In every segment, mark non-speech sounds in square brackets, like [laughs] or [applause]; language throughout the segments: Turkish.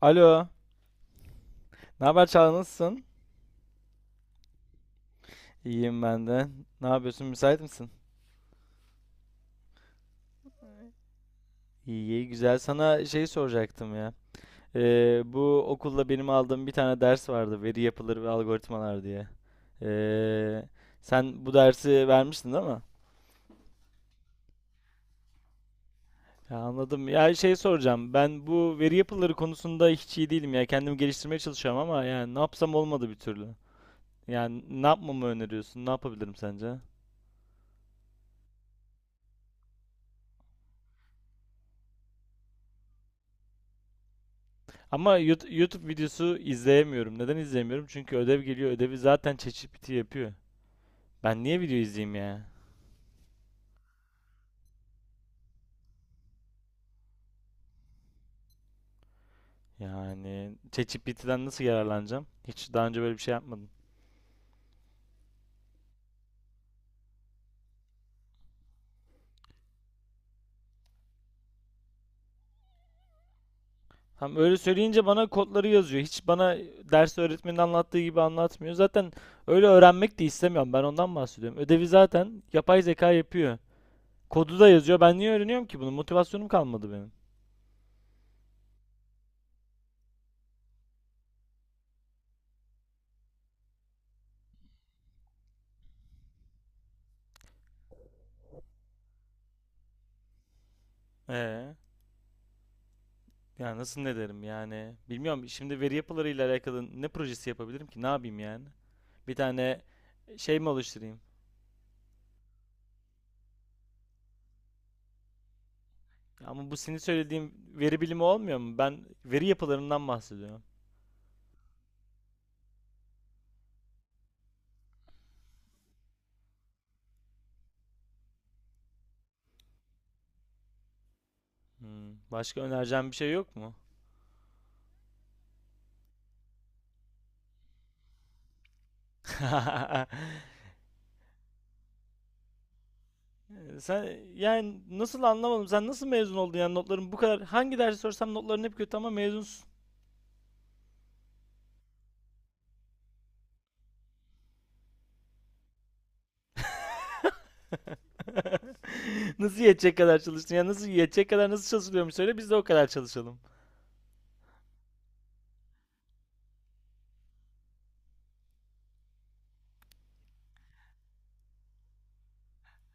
Alo. Ne haber Çağla nasılsın? İyiyim ben de. Ne yapıyorsun? Müsait misin? İyi, iyi, güzel. Sana şey soracaktım ya. Bu okulda benim aldığım bir tane ders vardı. Veri yapıları ve algoritmalar diye. Ee, Sen bu dersi vermiştin, değil mi? Ya anladım. Ya şey soracağım. Ben bu veri yapıları konusunda hiç iyi değilim ya. Kendimi geliştirmeye çalışıyorum ama yani ne yapsam olmadı bir türlü. Yani ne yapmamı öneriyorsun? Ne yapabilirim sence? Ama YouTube videosu izleyemiyorum. Neden izleyemiyorum? Çünkü ödev geliyor. Ödevi zaten ChatGPT yapıyor. Ben niye video izleyeyim ya? Yani ChatGPT'den nasıl yararlanacağım? Hiç daha önce böyle bir şey yapmadım. Hem öyle söyleyince bana kodları yazıyor. Hiç bana ders öğretmenin anlattığı gibi anlatmıyor. Zaten öyle öğrenmek de istemiyorum. Ben ondan bahsediyorum. Ödevi zaten yapay zeka yapıyor. Kodu da yazıyor. Ben niye öğreniyorum ki bunu? Motivasyonum kalmadı benim. Ee? Ya nasıl ne derim yani? Bilmiyorum şimdi veri yapılarıyla alakalı ne projesi yapabilirim ki? Ne yapayım yani? Bir tane şey mi oluşturayım? Ya, ama bu senin söylediğim veri bilimi olmuyor mu? Ben veri yapılarından bahsediyorum. Başka önereceğim bir şey yok mu? [laughs] Sen, yani nasıl anlamadım? Sen nasıl mezun oldun yani notların bu kadar, hangi dersi sorsam notların hep kötü ama mezunsun. [laughs] Nasıl yetecek kadar çalıştın? Ya nasıl yetecek kadar, nasıl çalışılıyormuş söyle, biz de o kadar çalışalım.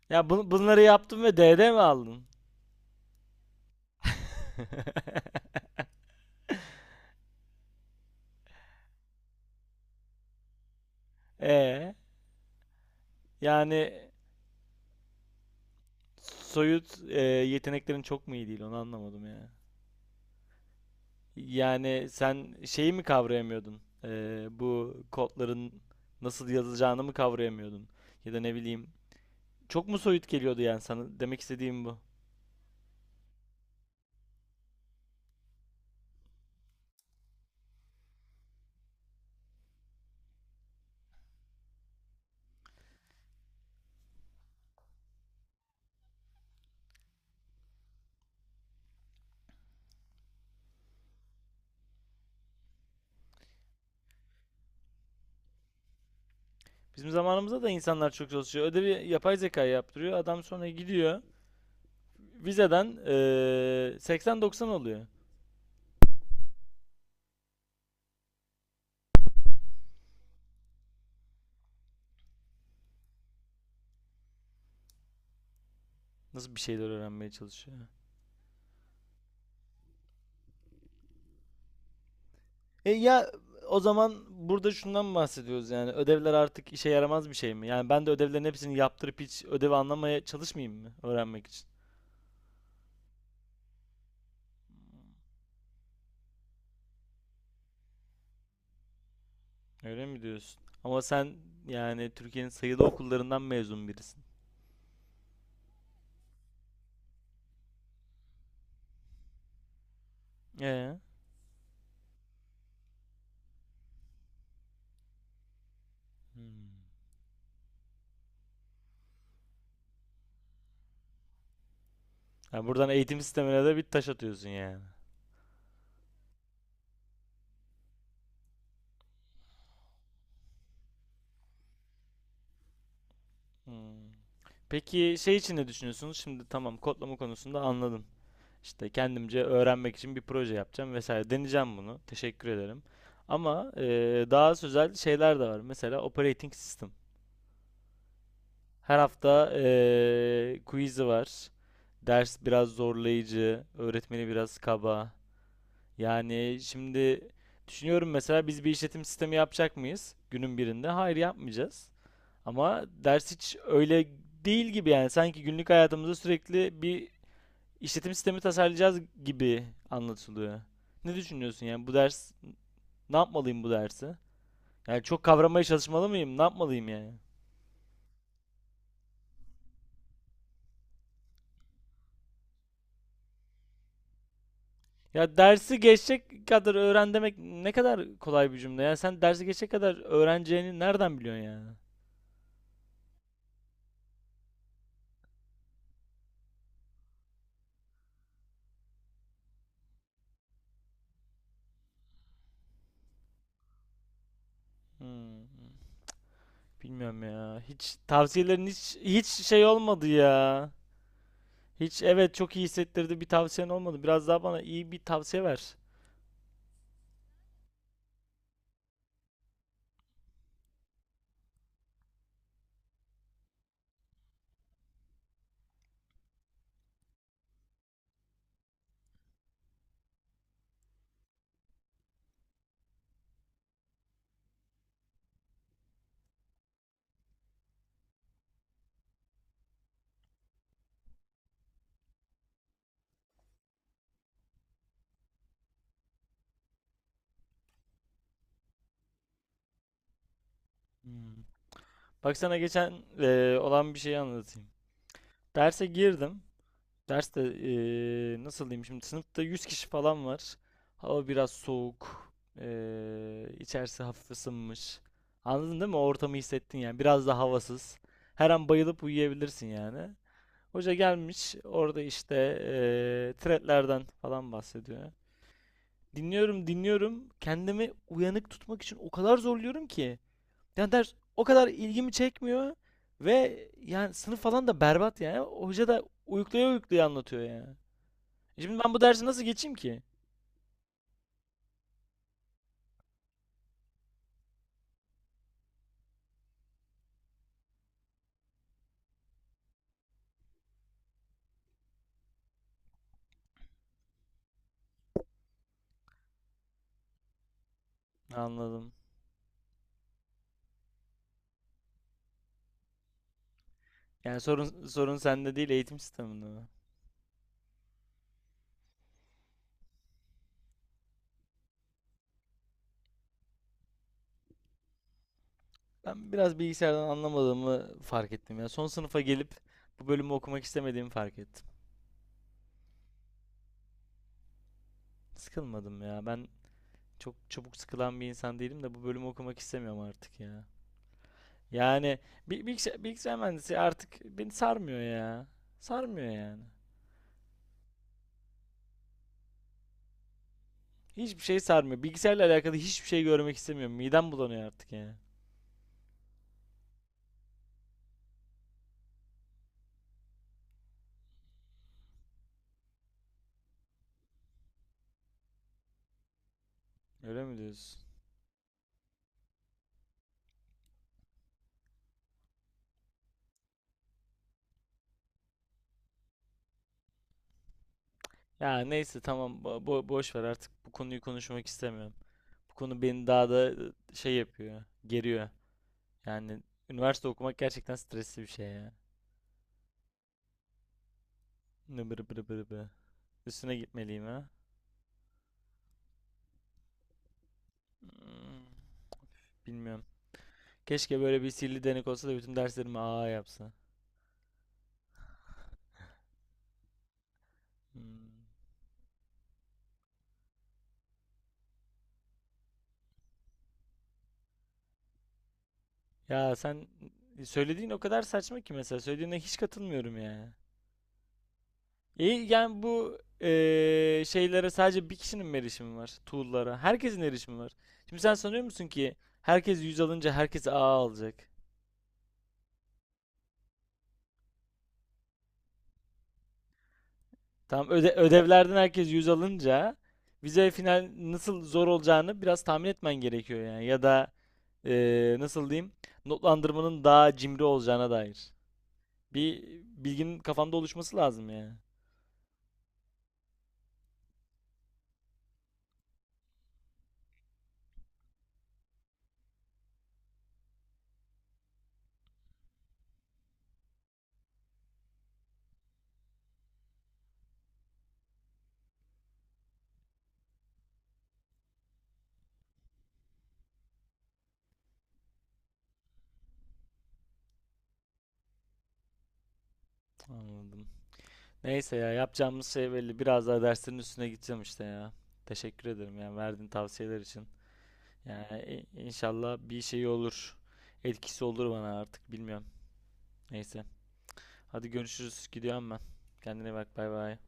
Ya bunları yaptın ve DD mi aldın? [laughs] Ee, Yani soyut yeteneklerin çok mu iyi değil, onu anlamadım ya. Yani sen şeyi mi kavrayamıyordun? Bu kodların nasıl yazılacağını mı kavrayamıyordun? Ya da ne bileyim. Çok mu soyut geliyordu yani sana? Demek istediğim bu. Bizim zamanımızda da insanlar çok çalışıyor. Ödevi yapay zeka yaptırıyor. Adam sonra gidiyor. Vizeden 80-90 oluyor. Nasıl bir şeyler öğrenmeye çalışıyor? Ya o zaman burada şundan bahsediyoruz yani: ödevler artık işe yaramaz bir şey mi? Yani ben de ödevlerin hepsini yaptırıp hiç ödevi anlamaya çalışmayayım mı öğrenmek için? Öyle mi diyorsun? Ama sen yani Türkiye'nin sayılı okullarından mezun birisin. Ee? Hmm. Yani buradan eğitim sistemine de bir taş atıyorsun yani. Hmm. Peki şey için ne düşünüyorsunuz? Şimdi tamam, kodlama konusunda anladım. İşte kendimce öğrenmek için bir proje yapacağım vesaire. Deneyeceğim bunu. Teşekkür ederim. Ama daha özel şeyler de var. Mesela operating system. Her hafta quiz'i var. Ders biraz zorlayıcı, öğretmeni biraz kaba. Yani şimdi düşünüyorum, mesela biz bir işletim sistemi yapacak mıyız günün birinde? Hayır, yapmayacağız. Ama ders hiç öyle değil gibi, yani sanki günlük hayatımızda sürekli bir işletim sistemi tasarlayacağız gibi anlatılıyor. Ne düşünüyorsun yani bu ders, ne yapmalıyım bu dersi? Yani çok kavramaya çalışmalı mıyım? Ne yapmalıyım yani? Ya dersi geçecek kadar öğren demek ne kadar kolay bir cümle. Yani sen dersi geçecek kadar öğreneceğini nereden biliyorsun yani? Hmm, Bilmiyorum ya. Hiç tavsiyelerin hiç şey olmadı ya. Hiç, evet, çok iyi hissettirdi bir tavsiyen olmadı. Biraz daha bana iyi bir tavsiye ver. Hmm. Bak sana geçen olan bir şeyi anlatayım. Derse girdim. Derste nasıl diyeyim, şimdi sınıfta 100 kişi falan var. Hava biraz soğuk. İçerisi hafif ısınmış. Anladın değil mi? O ortamı hissettin yani. Biraz da havasız. Her an bayılıp uyuyabilirsin yani. Hoca gelmiş orada işte threadlerden falan bahsediyor. Dinliyorum, dinliyorum. Kendimi uyanık tutmak için o kadar zorluyorum ki. Yani ders o kadar ilgimi çekmiyor. Ve yani sınıf falan da berbat yani. Hoca da uyuklaya uyuklaya anlatıyor yani. Şimdi ben bu dersi nasıl geçeyim ki? Anladım. Yani sorun sende değil, eğitim sisteminde mi? Ben biraz bilgisayardan anlamadığımı fark ettim ya. Son sınıfa gelip bu bölümü okumak istemediğimi fark ettim. Sıkılmadım ya. Ben çok çabuk sıkılan bir insan değilim de bu bölümü okumak istemiyorum artık ya. Yani bilgisayar mühendisi artık beni sarmıyor ya. Sarmıyor yani. Hiçbir şey sarmıyor. Bilgisayarla alakalı hiçbir şey görmek istemiyorum. Midem bulanıyor artık yani. Öyle mi diyorsun? Ya neyse tamam, boş ver, artık bu konuyu konuşmak istemiyorum. Bu konu beni daha da şey yapıyor, geriyor. Yani üniversite okumak gerçekten stresli bir şey ya. Nıbırı bırı bırı bırı. Üstüne gitmeliyim ha. Hmm, Bilmiyorum. Keşke böyle bir sihirli denek olsa da bütün derslerimi A yapsa. Hmm. Ya sen söylediğin o kadar saçma ki, mesela söylediğine hiç katılmıyorum ya. İyi, yani bu şeylere sadece bir kişinin mi erişimi var? Tool'lara. Herkesin erişimi var. Şimdi sen sanıyor musun ki herkes 100 alınca herkes A alacak? Tamam, ödevlerden herkes 100 alınca vize final nasıl zor olacağını biraz tahmin etmen gerekiyor yani. Ya da nasıl diyeyim, notlandırmanın daha cimri olacağına dair bir bilginin kafanda oluşması lazım yani. Anladım. Neyse, ya yapacağımız şey belli. Biraz daha derslerin üstüne gideceğim işte ya. Teşekkür ederim yani verdiğin tavsiyeler için. Yani inşallah bir şey olur. Etkisi olur bana, artık bilmiyorum. Neyse. Hadi görüşürüz. Gidiyorum ben. Kendine bak. Bay bay.